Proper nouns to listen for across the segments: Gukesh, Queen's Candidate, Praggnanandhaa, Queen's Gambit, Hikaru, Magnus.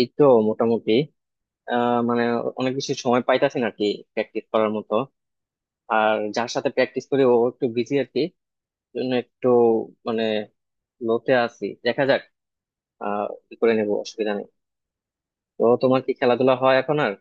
এই তো। মোটামুটি। মানে অনেক বেশি সময় পাইতাছি না আর কি, প্র্যাকটিস করার মতো। আর যার সাথে প্র্যাকটিস করি ও একটু বিজি আর কি, জন্য একটু মানে লোতে আছি, দেখা যাক। কি করে নেবো, অসুবিধা নেই। তো তোমার কি খেলাধুলা হয় এখন আর?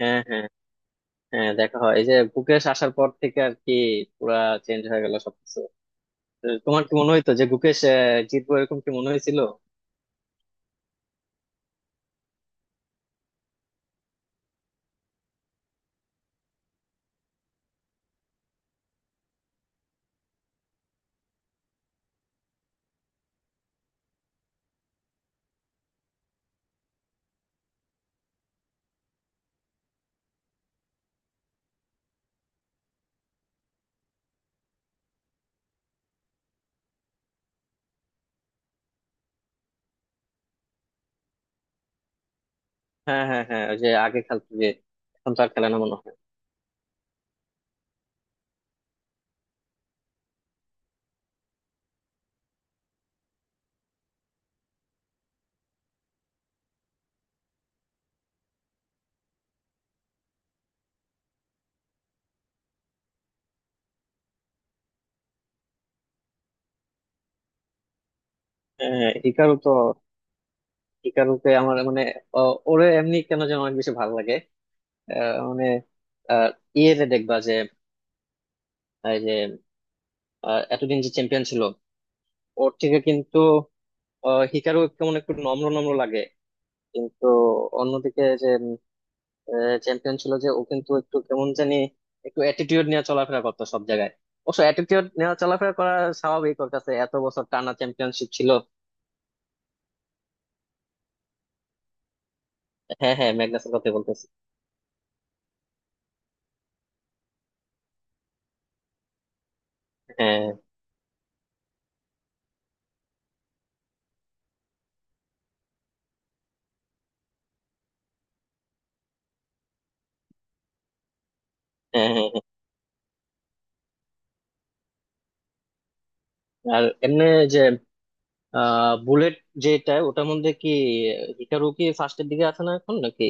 হ্যাঁ হ্যাঁ, হ্যাঁ দেখা হয়, এই যে গুকেশ আসার পর থেকে আর কি, পুরা চেঞ্জ হয়ে গেল সবকিছু। তো তোমার কি মনে হইতো যে গুকেশ জিতবো, এরকম কি মনে হয়েছিল? হ্যাঁ হ্যাঁ হ্যাঁ, ওই যে আগে খেলতো যে। এখন তো আর খেলে না মনে হয়। হ্যাঁ হ্যাঁ, হিকারু তো, হিকারুকে আমার মানে ওরে এমনি কেন যেন অনেক বেশি ভালো লাগে। আহ, মানে আহ, ইয়েতে দেখবা যে, এই যে এতদিন যে চ্যাম্পিয়ন ছিল, ওর থেকে কিন্তু হিকারু কেমন একটু নম্র নম্র লাগে। কিন্তু অন্যদিকে যে চ্যাম্পিয়ন ছিল, যে ও কিন্তু একটু কেমন জানি একটু অ্যাটিটিউড নিয়ে চলাফেরা করতো সব জায়গায়। অবশ্য অ্যাটিটিউড নিয়ে চলাফেরা করা স্বাভাবিক, ওর কাছে এত বছর টানা চ্যাম্পিয়নশিপ ছিল। হ্যাঁ হ্যাঁ, ম্যাগনাসের কথা বলতেছি। হ্যাঁ হ্যাঁ হ্যাঁ। হ্যাঁ। আর এমনি যে বুলেট, যেটা ওটার মধ্যে কি হিটারু কি ফার্স্টের দিকে আছে না এখন নাকি?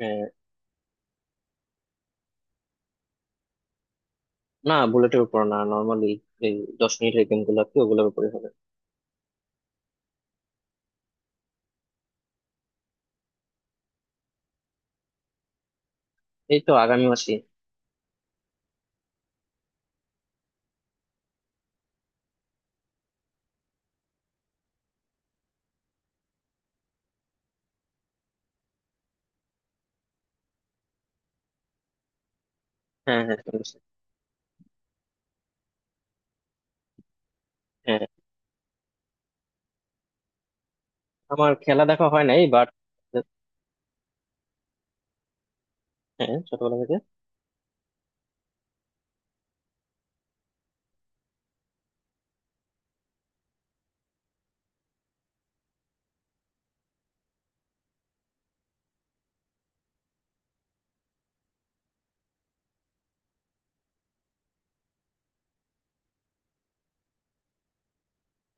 আহ, না, বুলেটের উপর না, নর্মালি এই 10 মিনিটের গেম গুলো আছে, ওগুলোর উপরে হবে। এই তো আগামী মাসে। হ্যাঁ হ্যাঁ শুনেছি। হ্যাঁ, আমার খেলা দেখা হয় নাই, বাট হ্যাঁ ছোটবেলা থেকে।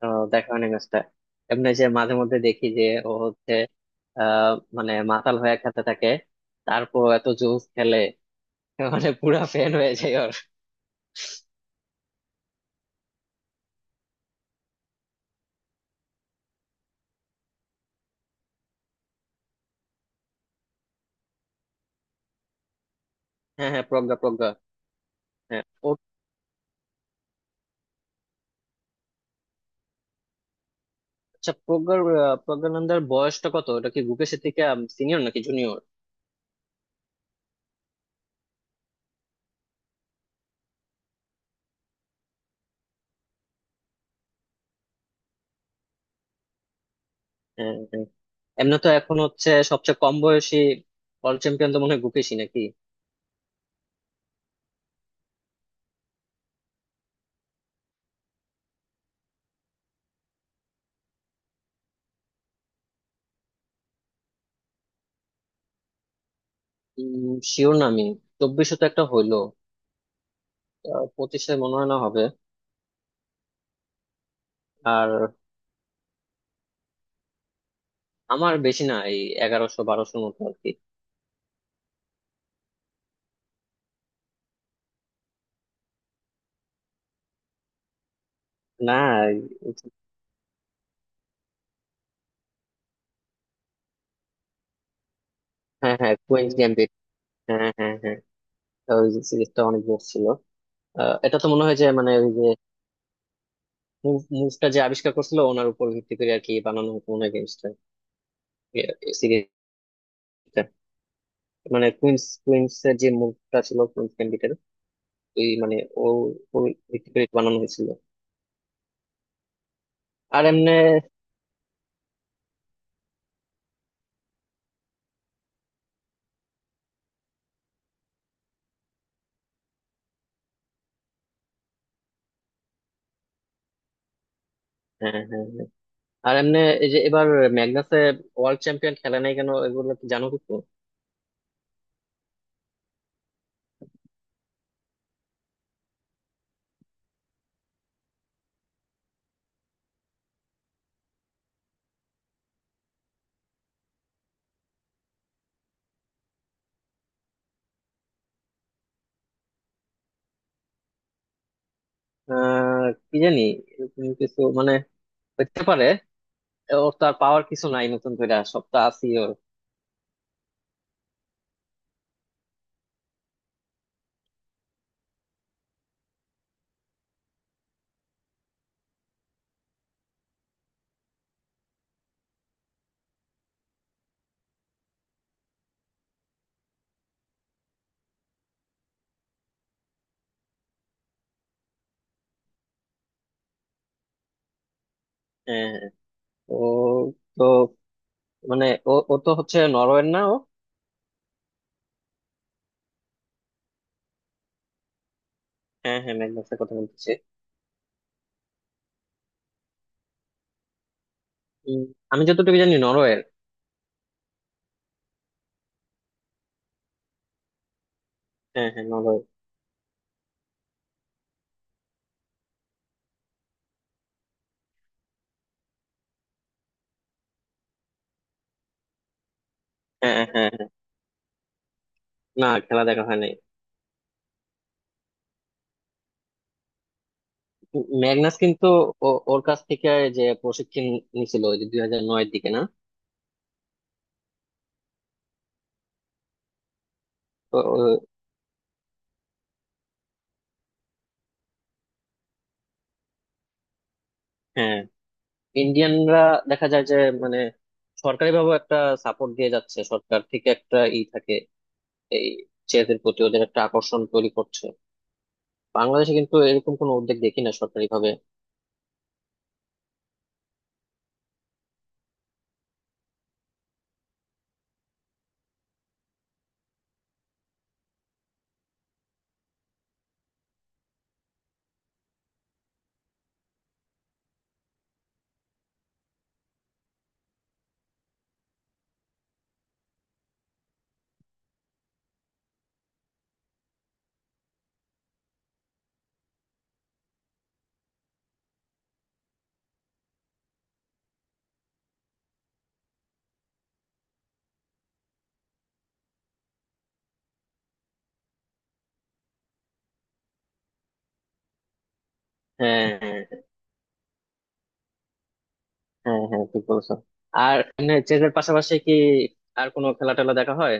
দেখা হয় নাই ম্যাচটা, এমনি যে মাঝে মধ্যে দেখি যে ও হচ্ছে আহ মানে মাতাল হয়ে খেতে থাকে, তারপর এত জোস খেলে, মানে পুরা ফ্যান হয়ে যায় ওর। হ্যাঁ হ্যাঁ প্রজ্ঞা প্রজ্ঞা। হ্যাঁ। ও আচ্ছা, প্রজ্ঞার প্রজ্ঞানন্দার বয়সটা কত? ওটা কি গুকেশ থেকে সিনিয়র নাকি জুনিয়র? হ্যাঁ হ্যাঁ। এমনি তো এখন হচ্ছে সবচেয়ে কম বয়সী ওয়ার্ল্ড চ্যাম্পিয়ন তো মনে হয় গুকেশই, নাকি? শিওর না আমি, চব্বিশশো তো একটা হইলো। পঁচিশে মনে হয় না হবে। আর আমার বেশি না, এই 1100-1200র মতো আর কি। না এই— হ্যাঁ হ্যাঁ, কুইন্স গ্যাম্বিট। হ্যাঁ হ্যাঁ হ্যাঁ, ওই সিরিজটা অনেক বেশ ছিল। এটা তো মনে হয় যে মানে ওই যে মুভটা যে আবিষ্কার করছিল, ওনার উপর ভিত্তি করে আর কি বানানো হতো মনে হয় গেমসটা, সিরিজটা। মানে কুইন্স কুইন্স এর যে মুভটা ছিল কুইন্স ক্যান্ডিডেট, ওই মানে ও ওর ভিত্তি করে বানানো হয়েছিল। আর এমনে হ্যাঁ হ্যাঁ হ্যাঁ। আর এমনে এই যে এবার ম্যাগনাসে ওয়ার্ল্ড চ্যাম্পিয়ন খেলে নাই কেন, এগুলো কি জানো কিছু? কি জানি, এরকম কিছু মানে হতে পারে, ওর তো আর পাওয়ার কিছু নাই নতুন করে, সবটা আছি ওর। হ্যাঁ হ্যাঁ, ও তো মানে ও ও তো হচ্ছে নরওয়ের, না ও? হ্যাঁ হ্যাঁ, ম্যাগনাসের কথা বলতেছি। উম, আমি যতটুকু জানি নরওয়ের। হ্যাঁ হ্যাঁ নরওয়ের। হ্যাঁ হ্যাঁ। না, খেলা দেখা হয় নাই। ম্যাগনাস কিন্তু ওর কাছ থেকে যে প্রশিক্ষণ নিছিল, ওই যে 2009-এর দিকে না? তো ও- হ্যাঁ, ইন্ডিয়ানরা দেখা যায় যে মানে সরকারি ভাবে একটা সাপোর্ট দিয়ে যাচ্ছে, সরকার থেকে একটা ই থাকে, এই চেসের প্রতি ওদের একটা আকর্ষণ তৈরি করছে। বাংলাদেশে কিন্তু এরকম কোনো উদ্যোগ দেখি না সরকারি ভাবে। হ্যাঁ হ্যাঁ হ্যাঁ, হ্যাঁ ঠিক বলছো। আর চেসের পাশাপাশি কি আর কোনো খেলা টেলা দেখা হয়?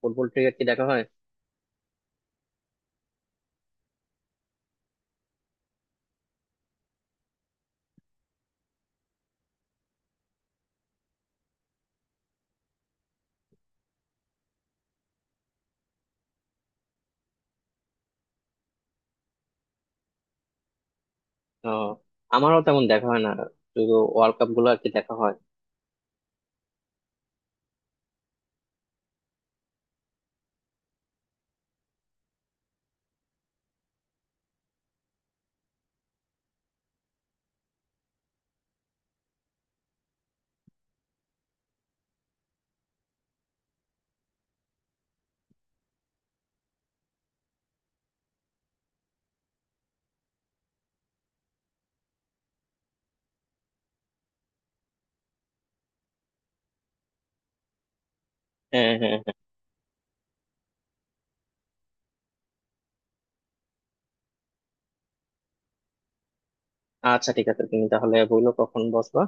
ফুটবল ক্রিকেট কি দেখা হয়? তো আমারও তেমন দেখা হয় না, শুধু ওয়ার্ল্ড কাপ গুলো আর কি দেখা হয়। হ্যাঁ হ্যাঁ হ্যাঁ। আচ্ছা ঠিক আছে, তুমি তাহলে বললো কখন বসবা।